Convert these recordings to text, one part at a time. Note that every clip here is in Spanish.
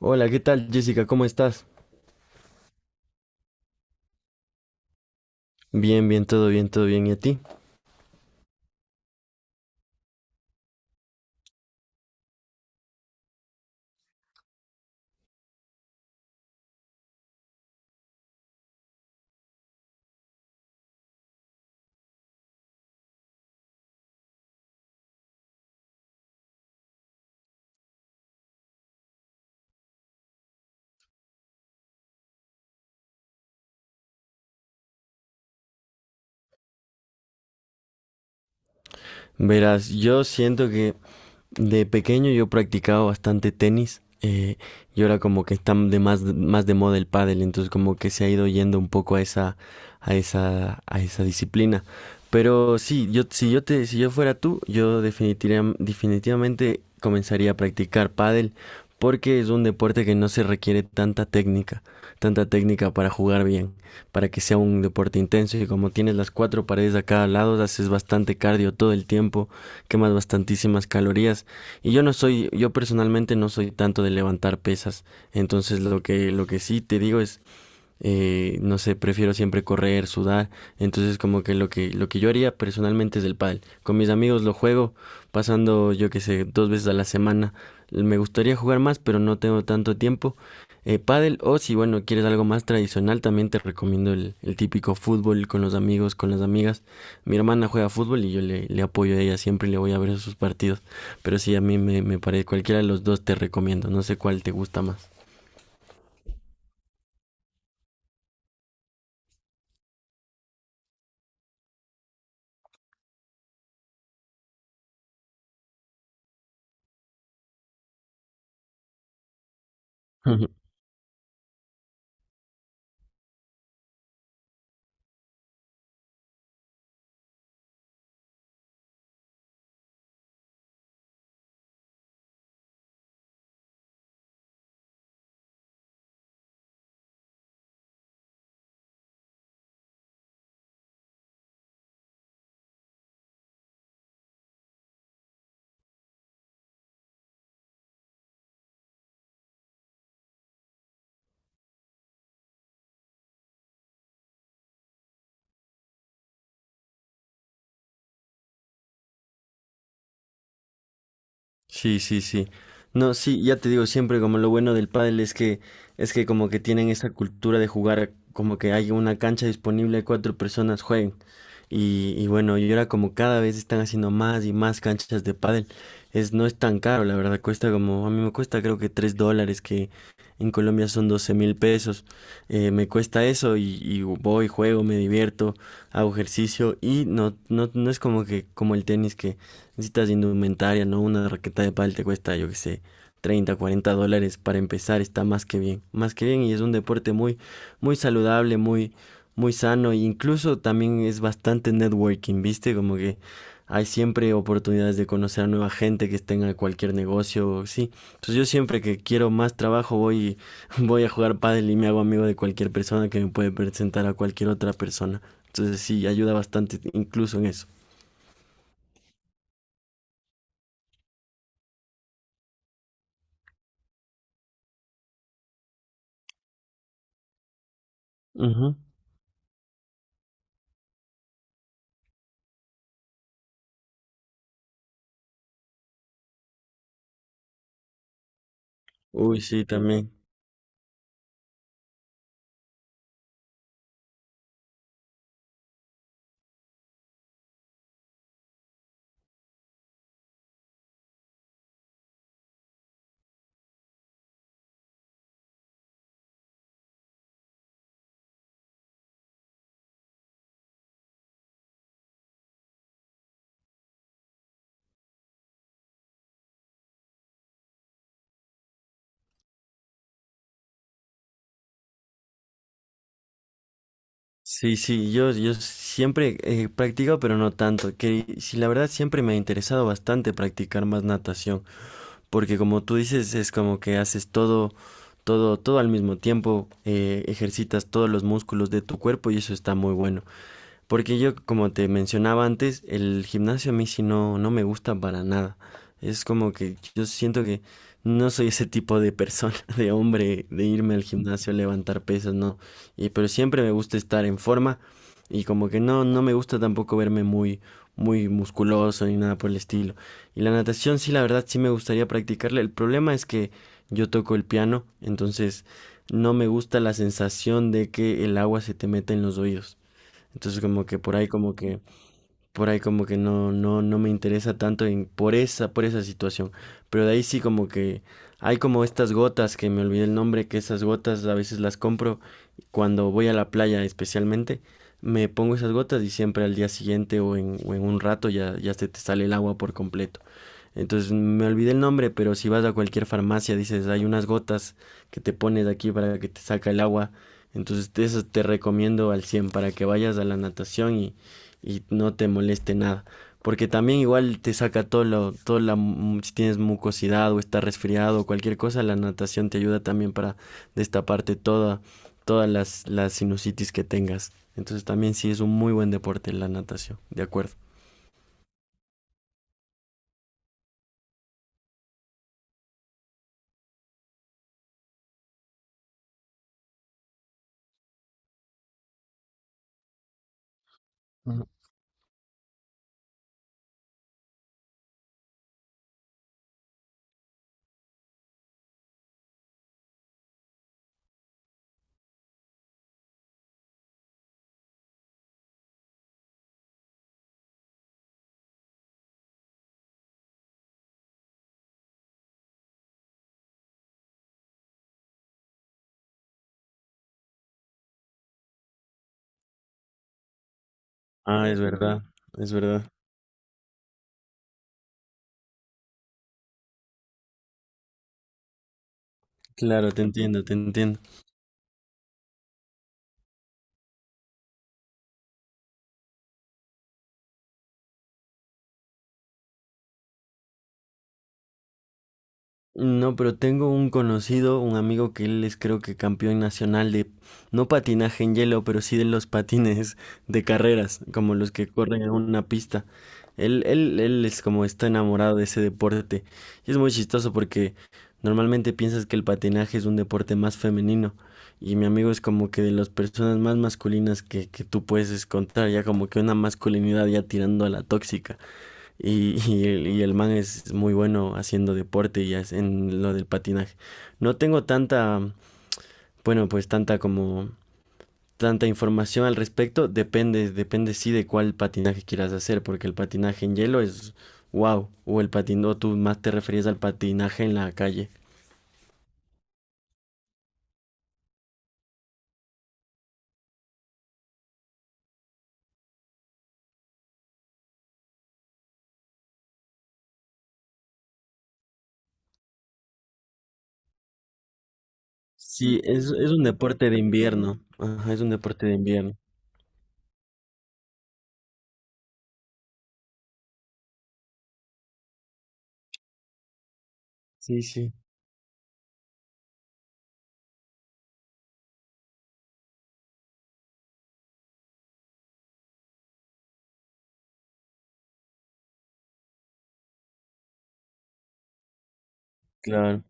Hola, ¿qué tal, Jessica? ¿Cómo estás? Bien, bien, todo bien, todo bien. ¿Y a ti? Verás, yo siento que de pequeño yo practicaba bastante tenis. Y ahora como que está de más de moda el pádel, entonces como que se ha ido yendo un poco a esa disciplina. Pero sí, yo, si yo te, si yo fuera tú, yo definitivamente comenzaría a practicar pádel porque es un deporte que no se requiere tanta técnica, para jugar bien, para que sea un deporte intenso y como tienes las cuatro paredes a cada lado, haces bastante cardio todo el tiempo, quemas bastantísimas calorías. Y yo no soy, yo personalmente no soy tanto de levantar pesas. Entonces lo que sí te digo es no sé, prefiero siempre correr, sudar, entonces como que lo que yo haría personalmente es el pádel. Con mis amigos lo juego pasando, yo qué sé, dos veces a la semana. Me gustaría jugar más, pero no tengo tanto tiempo. Pádel o si bueno, quieres algo más tradicional, también te recomiendo el típico fútbol con los amigos, con las amigas. Mi hermana juega fútbol y yo le apoyo a ella, siempre le voy a ver sus partidos. Pero sí, a mí me parece, cualquiera de los dos te recomiendo, no sé cuál te gusta más. Sí, sí, sí. No, sí, ya te digo, siempre como lo bueno del pádel es que como que tienen esa cultura de jugar, como que hay una cancha disponible, cuatro personas jueguen. Y bueno, y ahora como cada vez están haciendo más y más canchas de pádel, es, no es tan caro, la verdad, cuesta como, a mí me cuesta creo que 3 dólares, que en Colombia son 12.000 pesos. Me cuesta eso y voy, juego, me divierto, hago ejercicio y no, no, no es como que como el tenis, que necesitas indumentaria, ¿no? Una raqueta de pádel te cuesta, yo qué sé, 30 40 dólares para empezar, está más que bien, más que bien, y es un deporte muy, muy saludable, muy, muy sano, e incluso también es bastante networking, ¿viste? Como que hay siempre oportunidades de conocer a nueva gente que esté en cualquier negocio, sí. Entonces yo, siempre que quiero más trabajo, voy, voy a jugar pádel y me hago amigo de cualquier persona que me puede presentar a cualquier otra persona. Entonces sí, ayuda bastante incluso en eso. Ujú. Uy, sí, también. Sí, sí, yo siempre he practicado, pero no tanto. Que si la verdad siempre me ha interesado bastante practicar más natación, porque como tú dices, es como que haces todo, todo, todo al mismo tiempo. Ejercitas todos los músculos de tu cuerpo y eso está muy bueno. Porque yo, como te mencionaba antes, el gimnasio a mí sí no me gusta para nada. Es como que yo siento que no soy ese tipo de persona, de hombre, de irme al gimnasio a levantar pesas, no. Y pero siempre me gusta estar en forma, y como que no, no me gusta tampoco verme muy, muy musculoso ni nada por el estilo. Y la natación sí, la verdad sí me gustaría practicarla. El problema es que yo toco el piano, entonces no me gusta la sensación de que el agua se te meta en los oídos. Entonces como que por ahí como que no, no, no me interesa tanto por esa situación. Pero de ahí sí, como que hay como estas gotas, que me olvidé el nombre, que esas gotas a veces las compro cuando voy a la playa especialmente. Me pongo esas gotas y siempre al día siguiente, o en un rato ya, ya se te sale el agua por completo. Entonces me olvidé el nombre, pero si vas a cualquier farmacia dices, hay unas gotas que te pones aquí para que te saca el agua. Entonces eso te recomiendo al 100 para que vayas a la natación y no te moleste nada. Porque también igual te saca todo la, si tienes mucosidad o estás resfriado o cualquier cosa, la natación te ayuda también para destaparte toda, todas las sinusitis que tengas. Entonces también sí, es un muy buen deporte la natación, de acuerdo. Ah, es verdad, es verdad. Claro, te entiendo, te entiendo. No, pero tengo un conocido, un amigo, que él es, creo que, campeón nacional de, no patinaje en hielo, pero sí de los patines de carreras, como los que corren en una pista. Él es como está enamorado de ese deporte. Y es muy chistoso porque normalmente piensas que el patinaje es un deporte más femenino. Y mi amigo es como que de las personas más masculinas que tú puedes encontrar, ya como que una masculinidad ya tirando a la tóxica. Y, y el man es muy bueno haciendo deporte y en lo del patinaje. No tengo tanta, bueno, pues tanta como tanta información al respecto. Depende sí de cuál patinaje quieras hacer, porque el patinaje en hielo es wow, o tú más te referías al patinaje en la calle. Sí, es un deporte de invierno. Ajá, es un deporte de invierno. Sí, sí. Claro.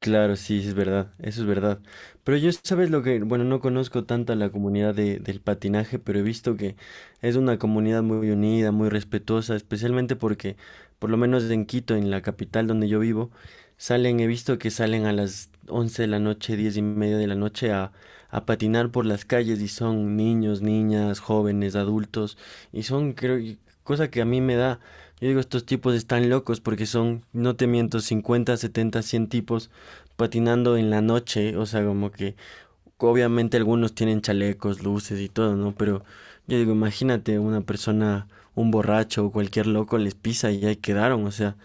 Claro, sí, sí es verdad, eso es verdad. Pero yo, ¿sabes lo que? Bueno, no conozco tanta la comunidad del patinaje, pero he visto que es una comunidad muy unida, muy respetuosa, especialmente porque, por lo menos en Quito, en la capital donde yo vivo, salen, he visto que salen a las 11 de la noche, 10:30 de la noche, a patinar por las calles, y son niños, niñas, jóvenes, adultos, y son, creo, y cosa que a mí me da, yo digo, estos tipos están locos porque son, no te miento, 50, 70, 100 tipos patinando en la noche, o sea, como que obviamente algunos tienen chalecos, luces y todo, ¿no? Pero yo digo, imagínate una persona, un borracho o cualquier loco les pisa y ahí quedaron, o sea,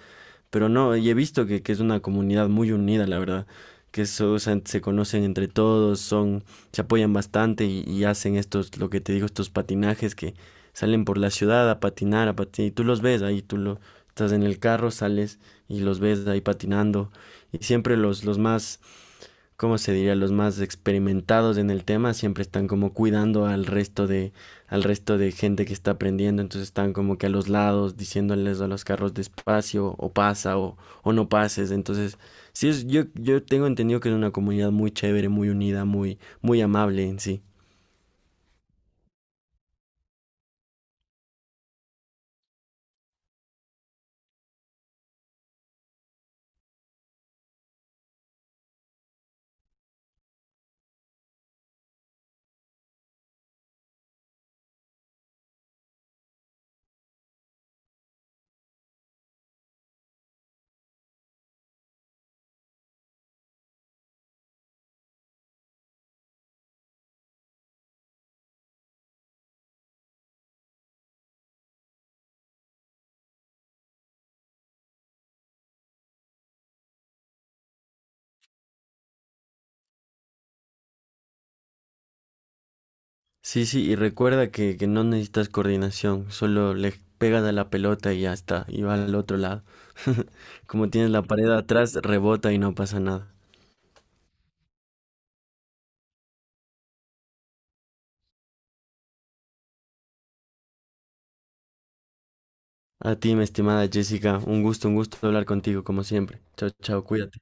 pero no, y he visto que es una comunidad muy unida, la verdad, que eso, o sea, se conocen entre todos, se apoyan bastante, y hacen estos, lo que te digo, estos patinajes que salen por la ciudad a patinar, y tú los ves ahí, estás en el carro, sales y los ves ahí patinando, y siempre los más, como se diría, los más experimentados en el tema siempre están como cuidando al resto de gente que está aprendiendo, entonces están como que a los lados diciéndoles a los carros despacio o pasa, o no pases, entonces sí, es, yo tengo entendido que es una comunidad muy chévere, muy unida, muy muy amable en sí. Sí, sí, y recuerda que no necesitas coordinación, solo le pegas a la pelota y ya está, y va al otro lado. Como tienes la pared atrás, rebota y no pasa nada. A ti, mi estimada Jessica, un gusto hablar contigo, como siempre. Chao, chao, cuídate.